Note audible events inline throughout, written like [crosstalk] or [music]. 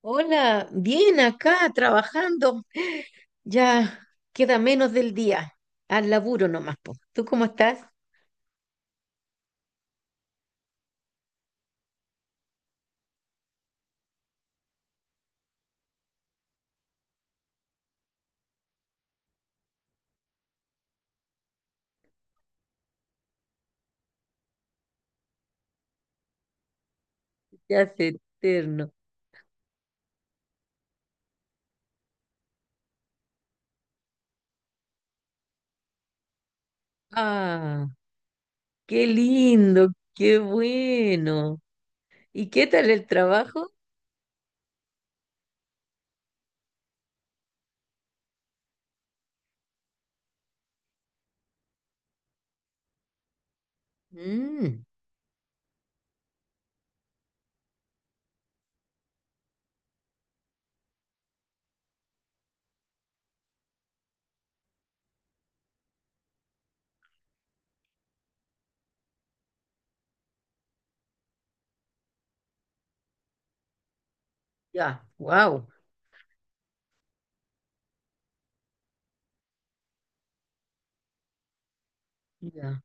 Hola, bien acá trabajando. Ya queda menos del día. Al laburo nomás, po. ¿Tú cómo estás? Ya es eterno. Ah, qué lindo, qué bueno. ¿Y qué tal el trabajo? Mm, ya, wow. Ya.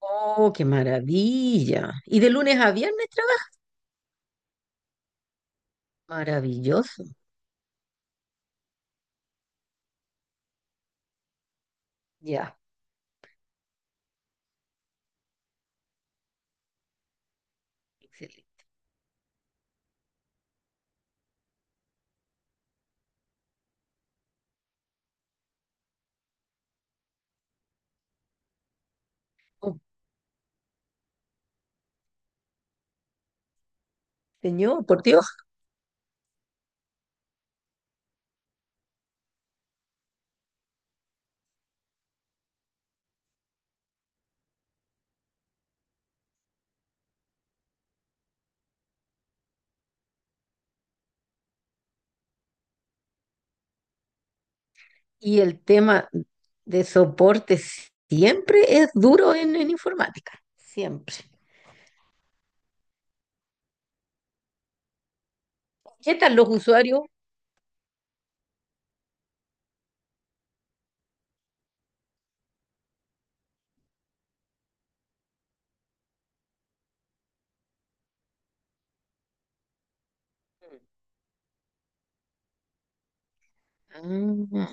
Oh, qué maravilla. ¿Y de lunes a viernes trabajas? Maravilloso. Ya, excelente. Oh, señor, por Dios. Y el tema de soporte siempre es duro en informática, siempre. ¿Qué tal los usuarios? Ah,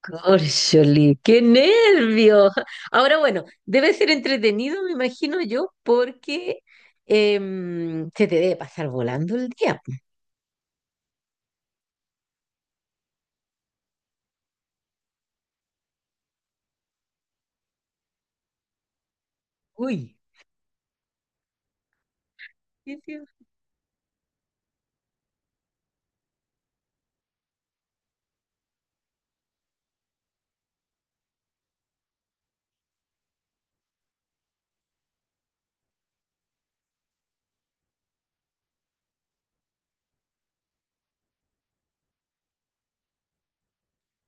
córcholi, qué nervios. Ahora bueno, debe ser entretenido, me imagino yo, porque se te debe pasar volando el día. Uy, sí, sí.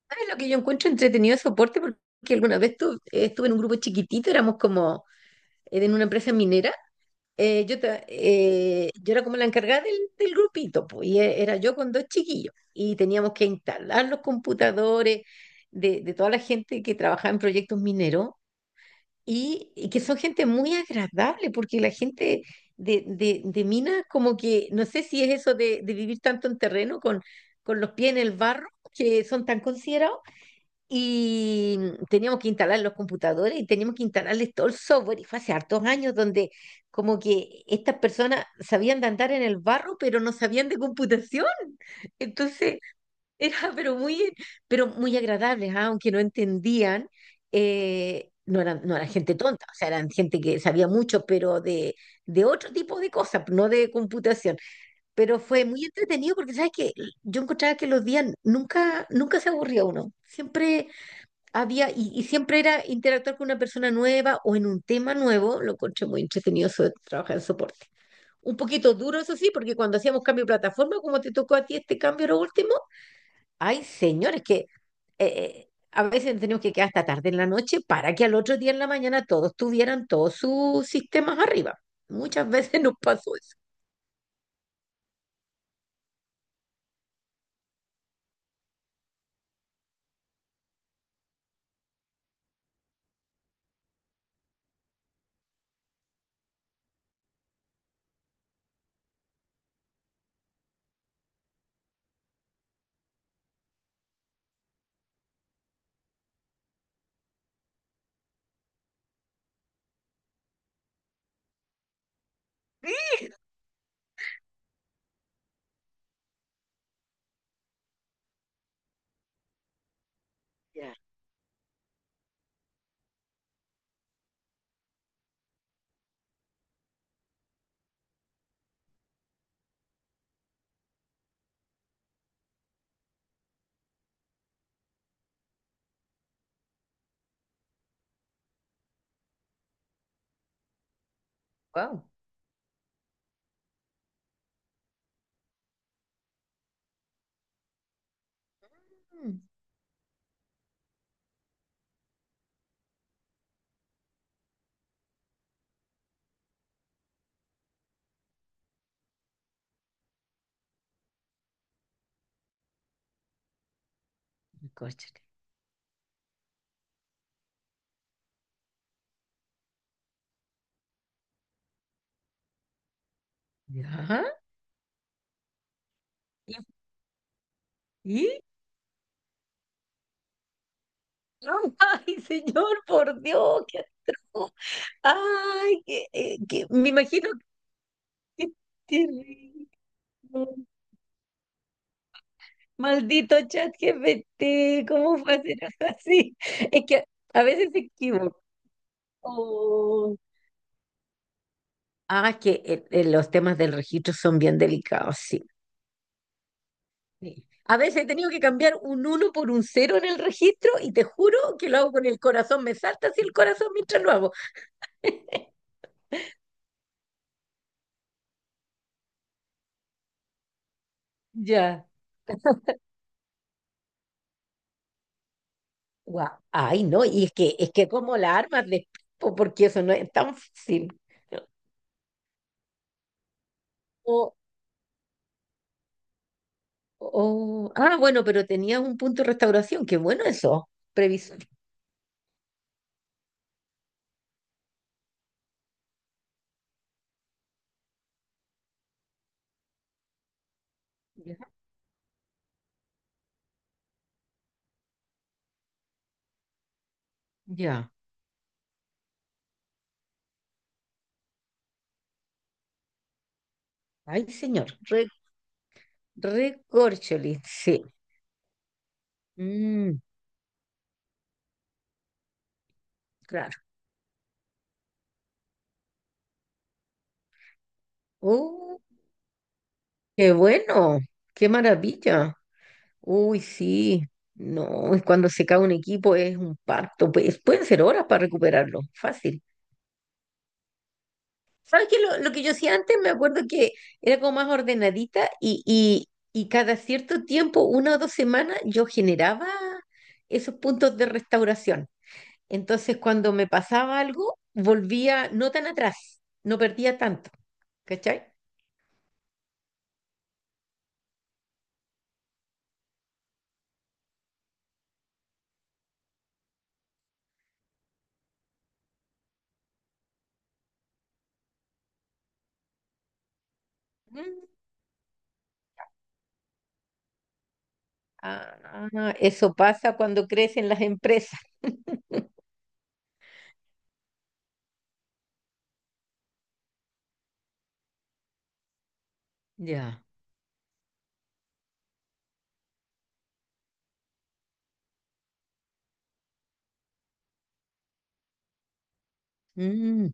¿Sabes lo que yo encuentro entretenido de soporte? Porque alguna vez estuve en un grupo chiquitito, éramos como en una empresa minera yo, yo era como la encargada del grupito, pues, y era yo con dos chiquillos, y teníamos que instalar los computadores de toda la gente que trabajaba en proyectos mineros, y que son gente muy agradable, porque la gente de minas, como que, no sé si es eso de vivir tanto en terreno con los pies en el barro, que son tan considerados y teníamos que instalar los computadores y teníamos que instalarles todo el software. Y fue hace hartos años donde como que estas personas sabían de andar en el barro, pero no sabían de computación. [laughs] Entonces era pero muy agradables, ¿ah? Aunque no entendían, no eran, no eran gente tonta, o sea, eran gente que sabía mucho, pero de otro tipo de cosas, no de computación. Pero fue muy entretenido porque, ¿sabes que yo encontraba que los días nunca, nunca se aburría uno? Siempre había, y siempre era interactuar con una persona nueva o en un tema nuevo, lo encontré muy entretenido eso de trabajar en soporte. Un poquito duro, eso sí, porque cuando hacíamos cambio de plataforma, como te tocó a ti este cambio lo último, ay, señores, que a veces teníamos que quedar hasta tarde en la noche para que al otro día en la mañana todos tuvieran todos sus sistemas arriba. Muchas [laughs] veces nos pasó eso. Ya. Wow. Mm, cóchale. Ya. ¿Y? [laughs] Ay, señor, por Dios, qué atroz. Ay, que, me imagino que qué terrible. Maldito chat GPT, ¿cómo fue hacer algo así? Es que a veces se equivoca. Oh. Ah, es que los temas del registro son bien delicados, sí. Sí. A veces he tenido que cambiar un uno por un cero en el registro y te juro que lo hago con el corazón, me salta así el corazón mientras lo hago. Ya. Guau. Ay, no, y es que, como la armas de po, porque eso no es tan fácil. O, ah, bueno, pero tenías un punto de restauración, qué bueno eso, previsión. Ya, ya. Ay, señor, recorcholis, sí. Mm, claro. Oh, qué bueno, qué maravilla. Uy, sí. No, es cuando se cae un equipo es un parto, pues pueden ser horas para recuperarlo, fácil. ¿Sabes qué? Lo que yo hacía antes, me acuerdo que era como más ordenadita y cada cierto tiempo, una o dos semanas, yo generaba esos puntos de restauración. Entonces, cuando me pasaba algo, volvía no tan atrás, no perdía tanto, ¿cachai? Mm. Ah, no, no, eso pasa cuando crecen las empresas. Ya. Mm.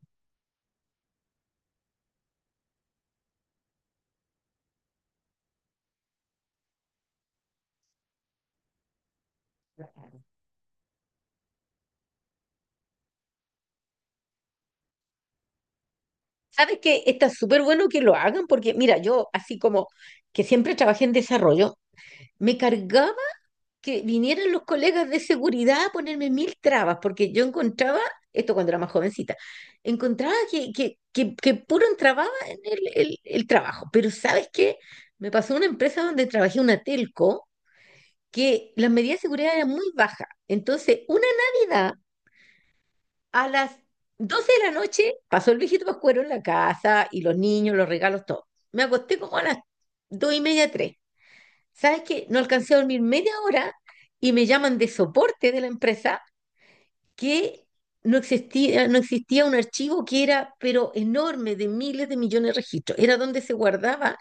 ¿Sabes qué? Está súper bueno que lo hagan porque, mira, yo así como que siempre trabajé en desarrollo, me cargaba que vinieran los colegas de seguridad a ponerme mil trabas, porque yo encontraba, esto cuando era más jovencita, encontraba que puro entrababa en el trabajo. Pero ¿sabes qué? Me pasó una empresa donde trabajé, una telco, que las medidas de seguridad eran muy bajas. Entonces, una Navidad a las 12 de la noche pasó el viejito Pascuero en la casa y los niños, los regalos, todo. Me acosté como a las dos y media, tres. ¿Sabes qué? No alcancé a dormir media hora y me llaman de soporte de la empresa que no existía, no existía un archivo que era, pero enorme, de miles de millones de registros. Era donde se guardaba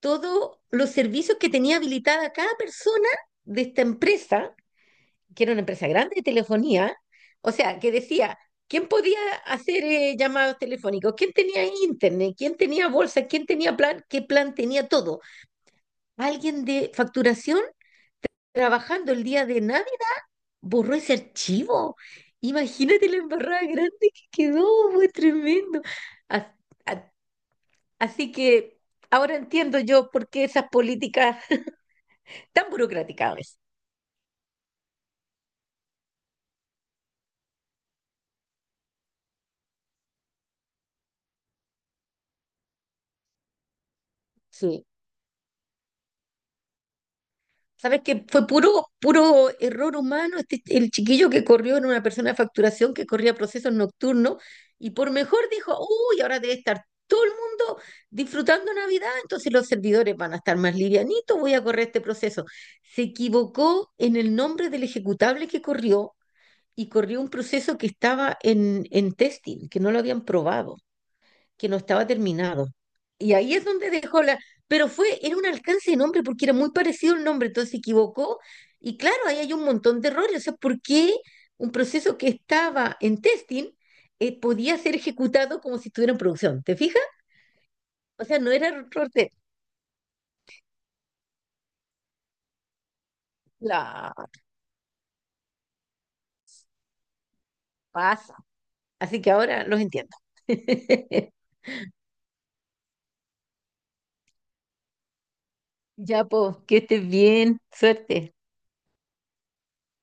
todos los servicios que tenía habilitada cada persona de esta empresa, que era una empresa grande de telefonía. O sea, que decía, ¿quién podía hacer llamados telefónicos? ¿Quién tenía internet? ¿Quién tenía bolsa? ¿Quién tenía plan? ¿Qué plan tenía todo? Alguien de facturación trabajando el día de nadie, borró ese archivo. Imagínate la embarrada grande que quedó, fue tremendo. As- a- Así que ahora entiendo yo por qué esas políticas tan burocráticas a veces. Sí. ¿Sabes qué? Fue puro, puro error humano este, el chiquillo que corrió en una persona de facturación que corría procesos nocturnos y por mejor dijo, uy, ahora debe estar todo el mundo disfrutando Navidad, entonces los servidores van a estar más livianitos, voy a correr este proceso. Se equivocó en el nombre del ejecutable que corrió y corrió un proceso que estaba en testing, que no lo habían probado, que no estaba terminado. Y ahí es donde dejó la... Pero fue, era un alcance de nombre porque era muy parecido el nombre, entonces se equivocó. Y claro, ahí hay un montón de errores. O sea, ¿por qué un proceso que estaba en testing podía ser ejecutado como si estuviera en producción? ¿Te fijas? O sea, no era error de... La pasa. Así que ahora los entiendo. [laughs] Ya, pues, que estés bien. Suerte.